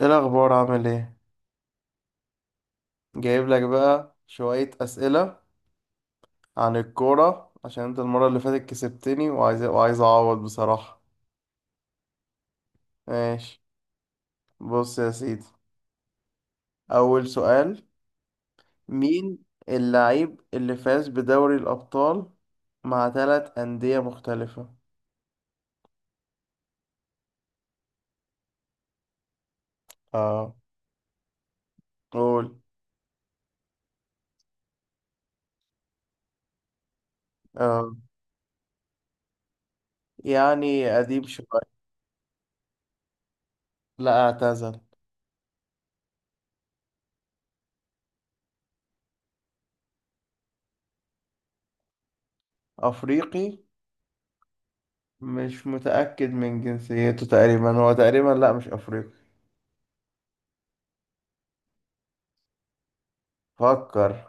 ايه الاخبار، عامل ايه؟ جايب لك بقى شوية اسئلة عن الكورة عشان انت المرة اللي فاتت كسبتني وعايز اعوض بصراحة. ماشي، بص يا سيدي. اول سؤال، مين اللعيب اللي فاز بدوري الابطال مع ثلاث اندية مختلفة؟ اه، قول. اه، يعني قديم شوية. لا، اعتزل. افريقي. مش متأكد من جنسيته تقريبا، هو تقريبا لا، مش افريقي. فكر.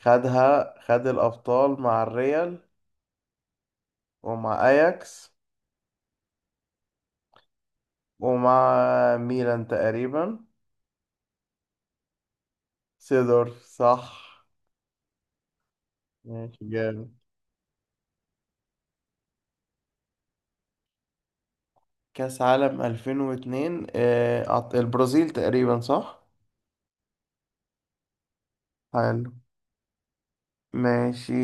خدها، خد الأبطال مع الريال، ومع أياكس، ومع ميلان تقريبا. سيدورف، صح. ماشي، جامد. كأس عالم 2002، البرازيل تقريبا، صح. حلو، ماشي.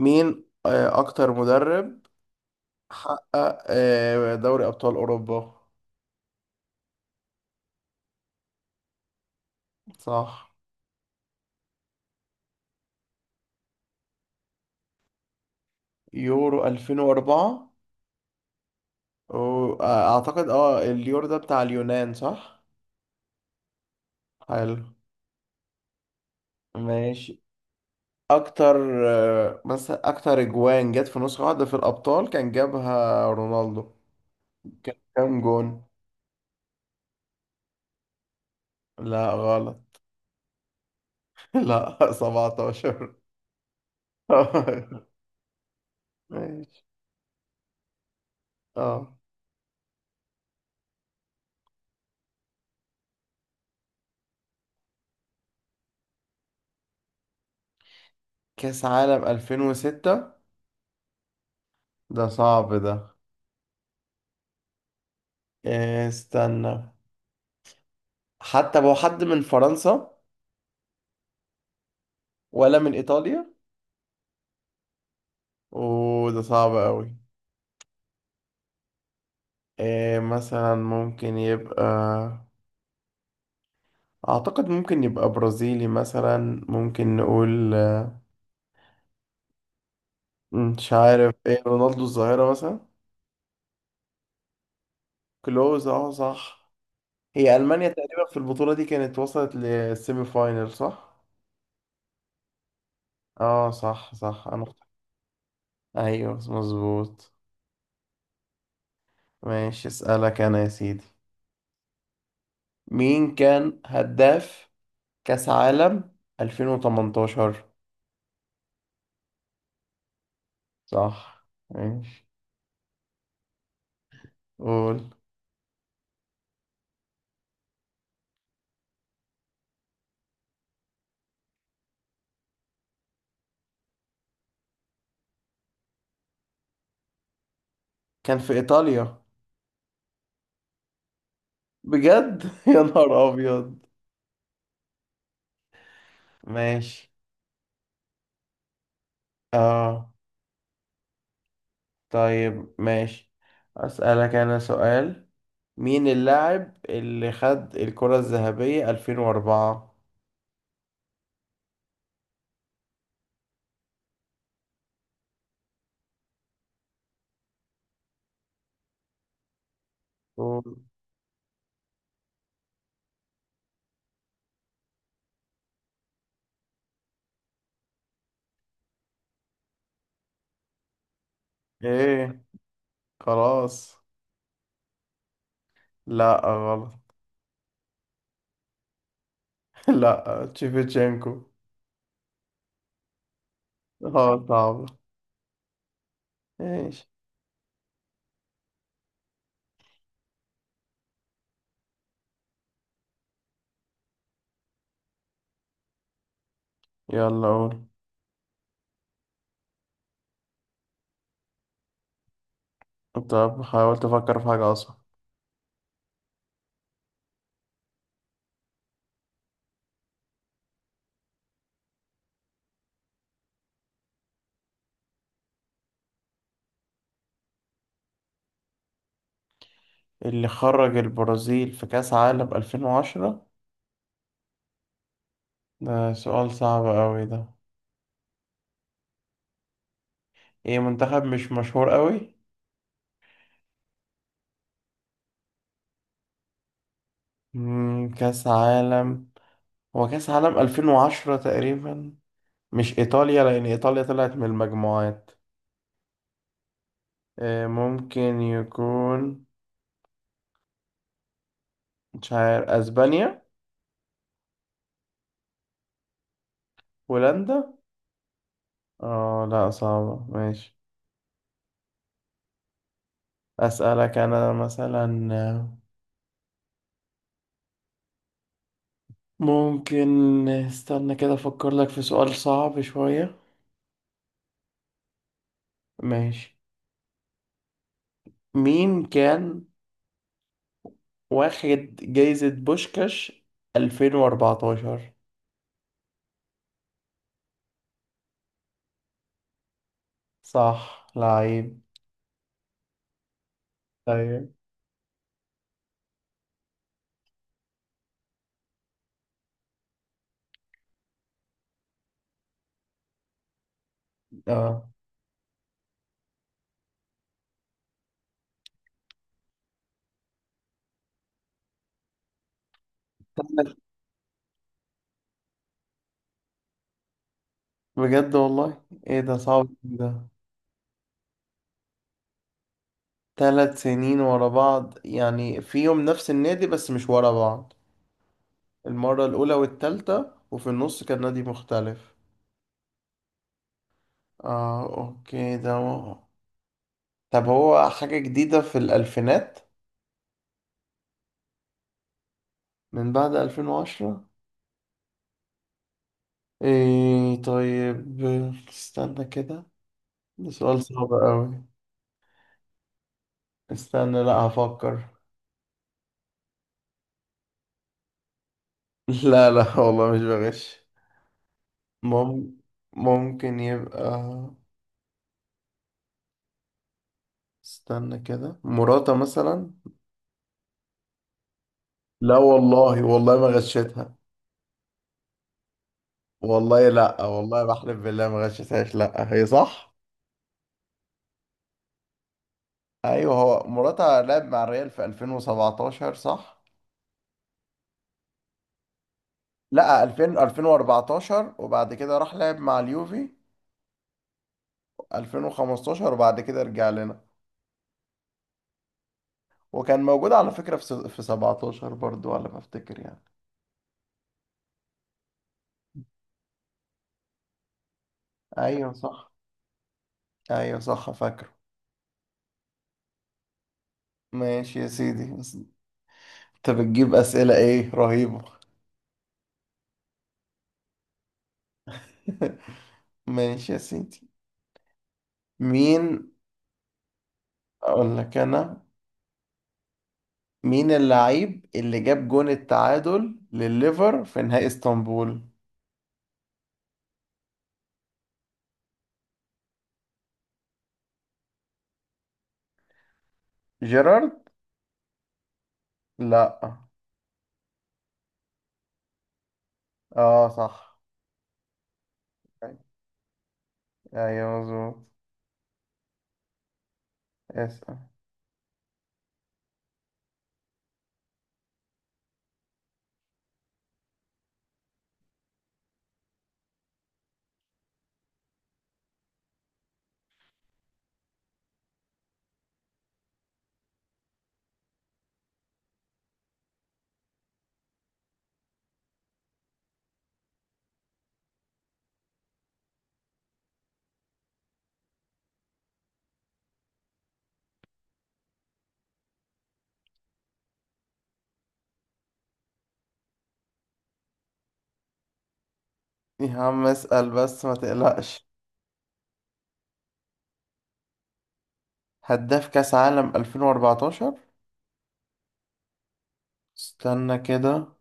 مين أكتر مدرب حقق دوري أبطال أوروبا؟ صح. يورو 2004، أعتقد اليورو ده بتاع اليونان، صح. حلو، ماشي. اكتر آه، مثلا اكتر اجوان جت في نسخة واحدة في الابطال كان جابها رونالدو، كان كام جون؟ لا، غلط. لا، 17. ماشي. اه. كاس عالم 2006، ده صعب ده. إيه، استنى. حتى هو حد من فرنسا ولا من ايطاليا؟ وده صعب قوي. إيه مثلا، ممكن يبقى اعتقد ممكن يبقى برازيلي مثلا، ممكن نقول مش عارف، ايه رونالدو الظاهرة مثلا. كلوز، اه صح. هي ألمانيا تقريبا في البطولة دي كانت وصلت للسيمي فاينل، صح؟ اه صح، صح. ايوه مظبوط. ماشي، اسألك انا يا سيدي. مين كان هداف كأس عالم 2018؟ صح، ماشي. قول. كان في ايطاليا. بجد؟ يا نهار ابيض. ماشي. اه. طيب ماشي. اسألك انا سؤال، مين اللاعب اللي خد الكرة الذهبية 2004؟ قول. ايه، خلاص. لا، غلط. لا، تشيفتشينكو. اه، صعب. ايش؟ يلا، قول. طب حاولت افكر في حاجة اصعب. اللي خرج البرازيل في كأس عالم 2010. ده سؤال صعب قوي ده. ايه، منتخب مش مشهور قوي. كأس عالم، هو كأس عالم 2010 تقريبا. مش ايطاليا، لان ايطاليا طلعت من المجموعات. ممكن يكون، مش عارف، اسبانيا. هولندا. اه، لا صعبة، ماشي. اسألك انا مثلا. ممكن، استنى كده، افكر لك في سؤال صعب شوية. ماشي. مين كان واخد جايزة بوشكاش 2014؟ صح، لعيب. طيب. اه، بجد والله، ايه ده صعب ده. 3 سنين ورا بعض يعني، فيهم نفس النادي بس مش ورا بعض؟ المرة الأولى والتالتة، وفي النص كان نادي مختلف. اه، اوكي، ده هو. طب هو حاجة جديدة في الألفينات، من بعد 2010؟ ايه، طيب، استنى كده. ده سؤال صعب أوي. استنى، لا هفكر. لا، لا والله مش بغش. مم... ممكن يبقى، استنى كده، مراته مثلا. لا والله، والله ما غشيتها. والله، لا والله، بحلف بالله ما غشيتهاش، لا هي صح. ايوه، هو مراتها لعب مع الريال في 2017، صح. لا، 2000، 2014، وبعد كده راح لعب مع اليوفي 2015، وبعد كده رجع لنا. وكان موجود على فكرة في 17 برضو، على ما افتكر يعني. ايوه صح، ايوه صح، فاكره. ماشي يا سيدي، بس انت بتجيب اسئلة ايه رهيبة! ماشي يا سيدي. مين، اقول لك انا، مين اللعيب اللي جاب جون التعادل لليفر في نهائي اسطنبول؟ جيرارد، لا. اه صح، ايوه مظبوط. اسأل. يا عم اسأل بس، ما تقلقش. هداف كأس عالم 2014. استنى كده،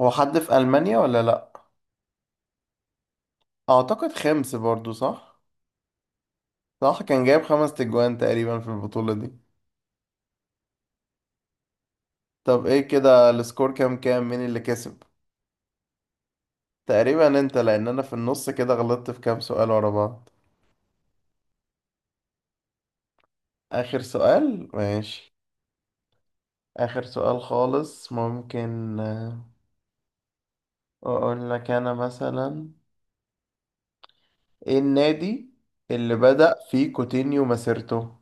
هو حد في ألمانيا ولا لا؟ اعتقد خمس برضو، صح. صح، كان جايب خمس تجوان تقريبا في البطولة دي. طب ايه كده، السكور كام مين اللي كسب؟ تقريبا انت، لان انا في النص كده غلطت في كام سؤال ورا بعض. آخر سؤال؟ ماشي. آخر سؤال خالص، ممكن أقول لك أنا مثلا، إيه النادي اللي بدأ فيه كوتينيو مسيرته؟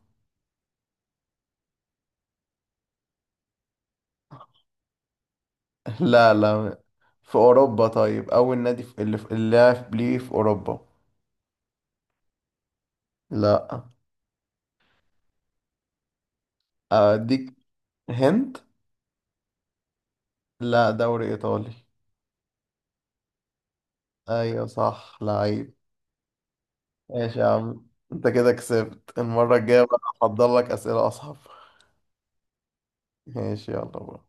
لا، لا في أوروبا، طيب أول نادي اللي لعب ليه في أوروبا. لا. أديك هند. لا، دوري إيطالي. أيوة صح، لعيب. ماشي يا عم. أنت كده كسبت. المرة الجاية بقى هحضر لك أسئلة أصعب. ماشي، يلا بقى.